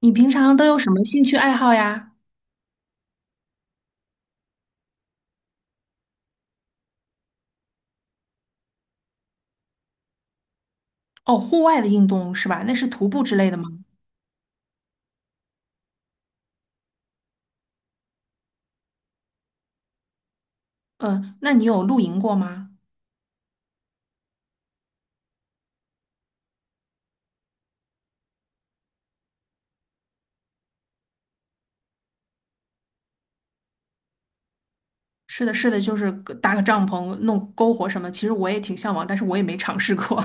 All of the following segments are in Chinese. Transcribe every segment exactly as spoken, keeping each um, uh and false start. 你平常都有什么兴趣爱好呀？哦，户外的运动是吧？那是徒步之类的吗？呃，那你有露营过吗？是的，是的，就是个搭个帐篷、弄篝火什么。其实我也挺向往，但是我也没尝试过。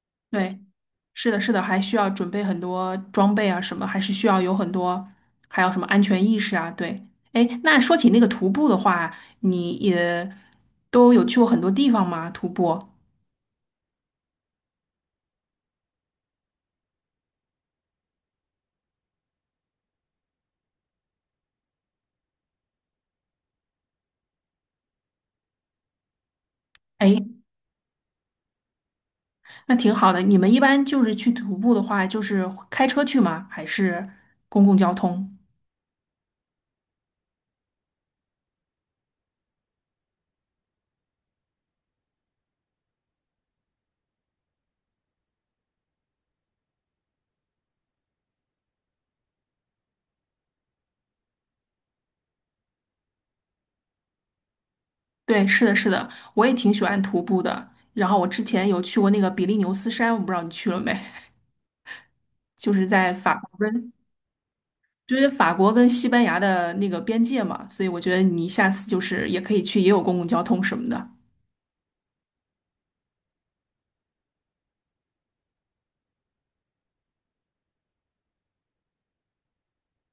对，是的，是的，还需要准备很多装备啊，什么还是需要有很多，还有什么安全意识啊？对，哎，那说起那个徒步的话，你也都有去过很多地方吗？徒步？哎，那挺好的。你们一般就是去徒步的话，就是开车去吗？还是公共交通？对，是的，是的，我也挺喜欢徒步的。然后我之前有去过那个比利牛斯山，我不知道你去了没，就是在法国跟就是法国跟西班牙的那个边界嘛，所以我觉得你下次就是也可以去，也有公共交通什么的。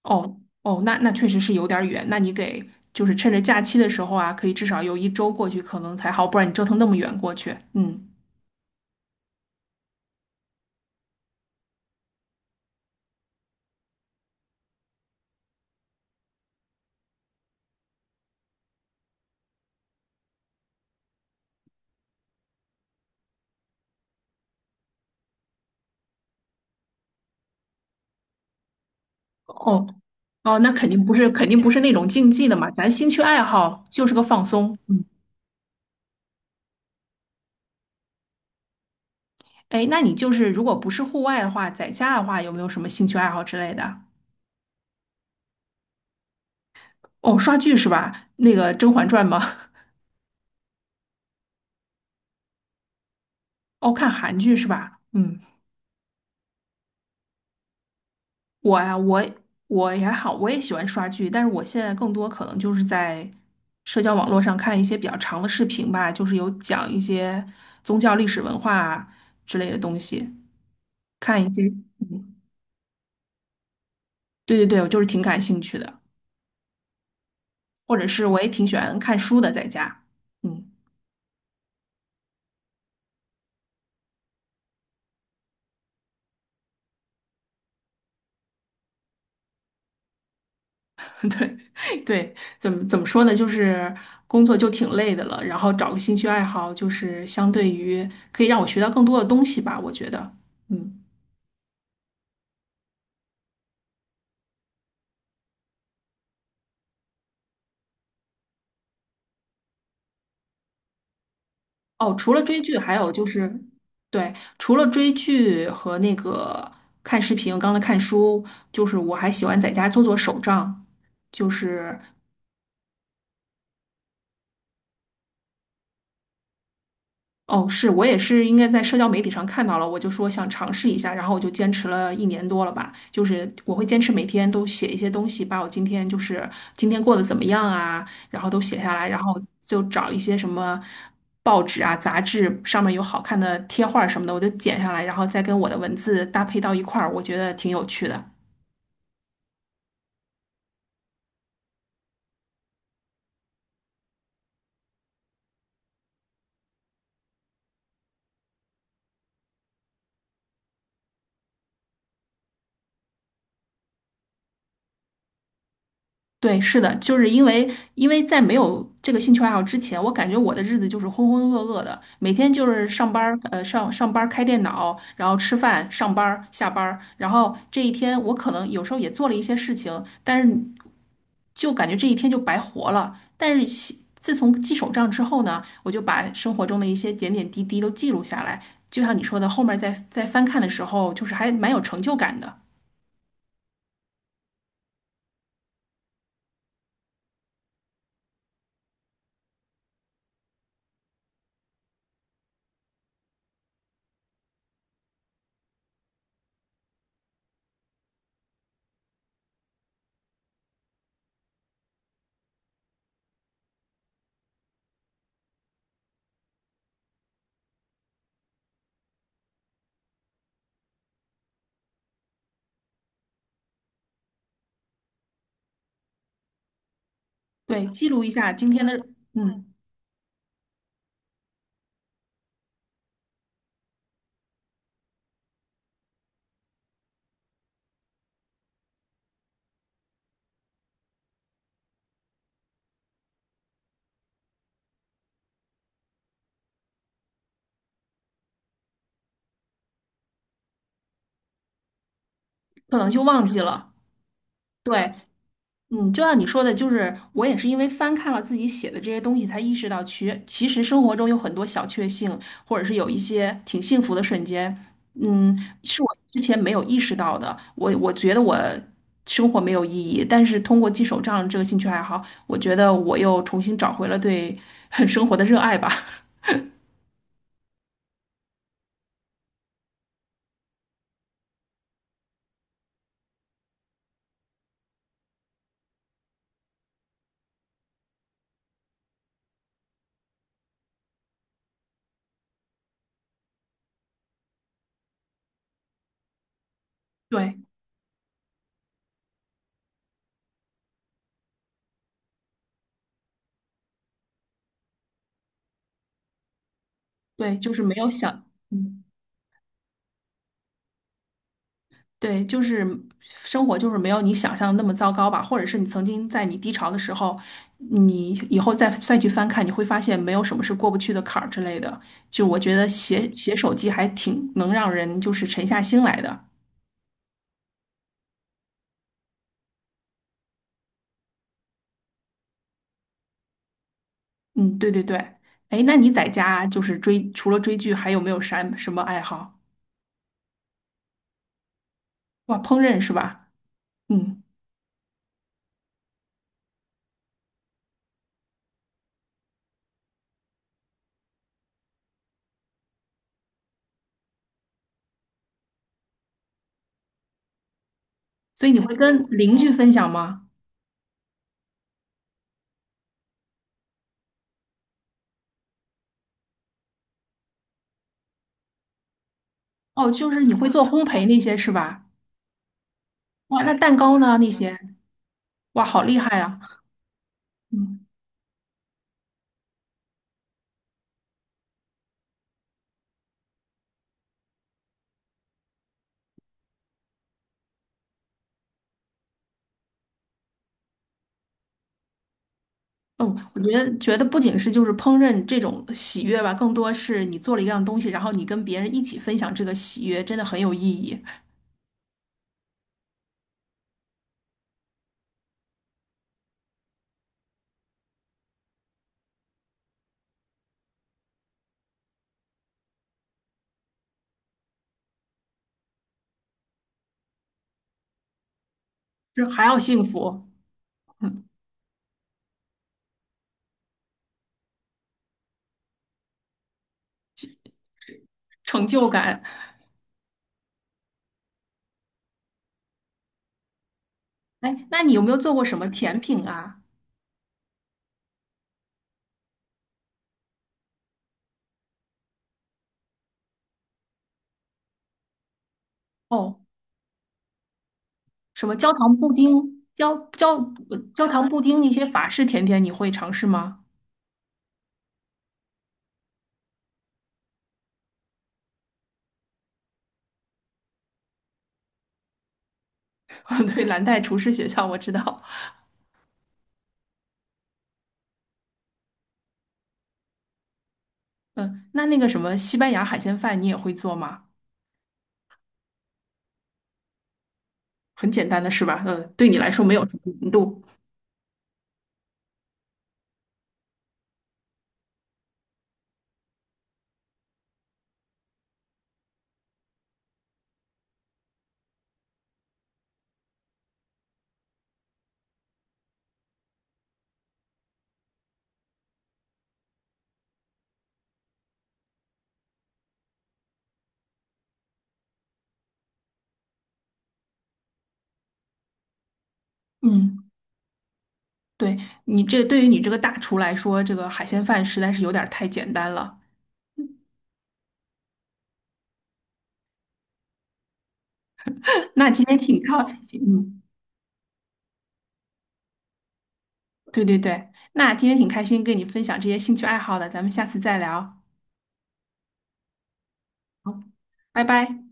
哦哦，那那确实是有点儿远，那你给就是趁着假期的时候啊，可以至少有一周过去，可能才好，不然你折腾那么远过去，嗯。哦哦，那肯定不是，肯定不是那种竞技的嘛，咱兴趣爱好就是个放松。嗯，哎，那你就是如果不是户外的话，在家的话，有没有什么兴趣爱好之类的？哦，刷剧是吧？那个《甄嬛传》吗？哦，看韩剧是吧？嗯，我呀、我我也还好，我也喜欢刷剧，但是我现在更多可能就是在社交网络上看一些比较长的视频吧，就是有讲一些宗教历史文化啊之类的东西，看一些。嗯，对对对，我就是挺感兴趣的。或者是我也挺喜欢看书的，在家。嗯，对对，怎么怎么说呢？就是工作就挺累的了，然后找个兴趣爱好，就是相对于可以让我学到更多的东西吧，我觉得。嗯，哦，除了追剧，还有就是，对，除了追剧和那个看视频，刚才看书，就是我还喜欢在家做做手账，就是。哦，是我也是，应该在社交媒体上看到了，我就说想尝试一下，然后我就坚持了一年多了吧。就是我会坚持每天都写一些东西，把我今天就是今天过得怎么样啊，然后都写下来，然后就找一些什么报纸啊、杂志上面有好看的贴画什么的，我就剪下来，然后再跟我的文字搭配到一块儿，我觉得挺有趣的。对，是的，就是因为因为在没有这个兴趣爱好之前，我感觉我的日子就是浑浑噩噩的，每天就是上班儿，呃，上上班儿开电脑，然后吃饭，上班儿下班儿，然后这一天我可能有时候也做了一些事情，但是就感觉这一天就白活了。但是西自从记手账之后呢，我就把生活中的一些点点滴滴都记录下来，就像你说的，后面再再翻看的时候，就是还蛮有成就感的。对，记录一下今天的，嗯，可能就忘记了。对，嗯，就像你说的，就是我也是因为翻看了自己写的这些东西，才意识到其其实生活中有很多小确幸，或者是有一些挺幸福的瞬间，嗯，是我之前没有意识到的。我我觉得我生活没有意义，但是通过记手账这个兴趣爱好，我觉得我又重新找回了对 生活的热爱吧。对对，就是没有想。嗯对，就是生活就是没有你想象的那么糟糕吧，或者是你曾经在你低潮的时候，你以后再再去翻看，你会发现没有什么是过不去的坎儿之类的。就我觉得写写手记还挺能让人就是沉下心来的。嗯，对对对。哎，那你在家就是追，除了追剧，还有没有啥什么爱好？哇，烹饪是吧？嗯，所以你会跟邻居分享吗？哦，就是你会做烘焙那些是吧？哇，那蛋糕呢？那些，哇，好厉害啊！嗯。嗯，我觉得觉得不仅是就是烹饪这种喜悦吧，更多是你做了一样东西，然后你跟别人一起分享这个喜悦，真的很有意义，就是还要幸福，嗯，成就感。哎，那你有没有做过什么甜品啊？哦，什么焦糖布丁、焦焦呃焦糖布丁那些法式甜点，你会尝试吗？对，蓝带厨师学校我知道。嗯，那那个什么西班牙海鲜饭你也会做吗？很简单的是吧？嗯，对你来说没有什么难度。嗯。对你这对于你这个大厨来说，这个海鲜饭实在是有点儿太简单了。那今天挺高，嗯，对对对，那今天挺开心跟你分享这些兴趣爱好的，咱们下次再聊，好，拜拜。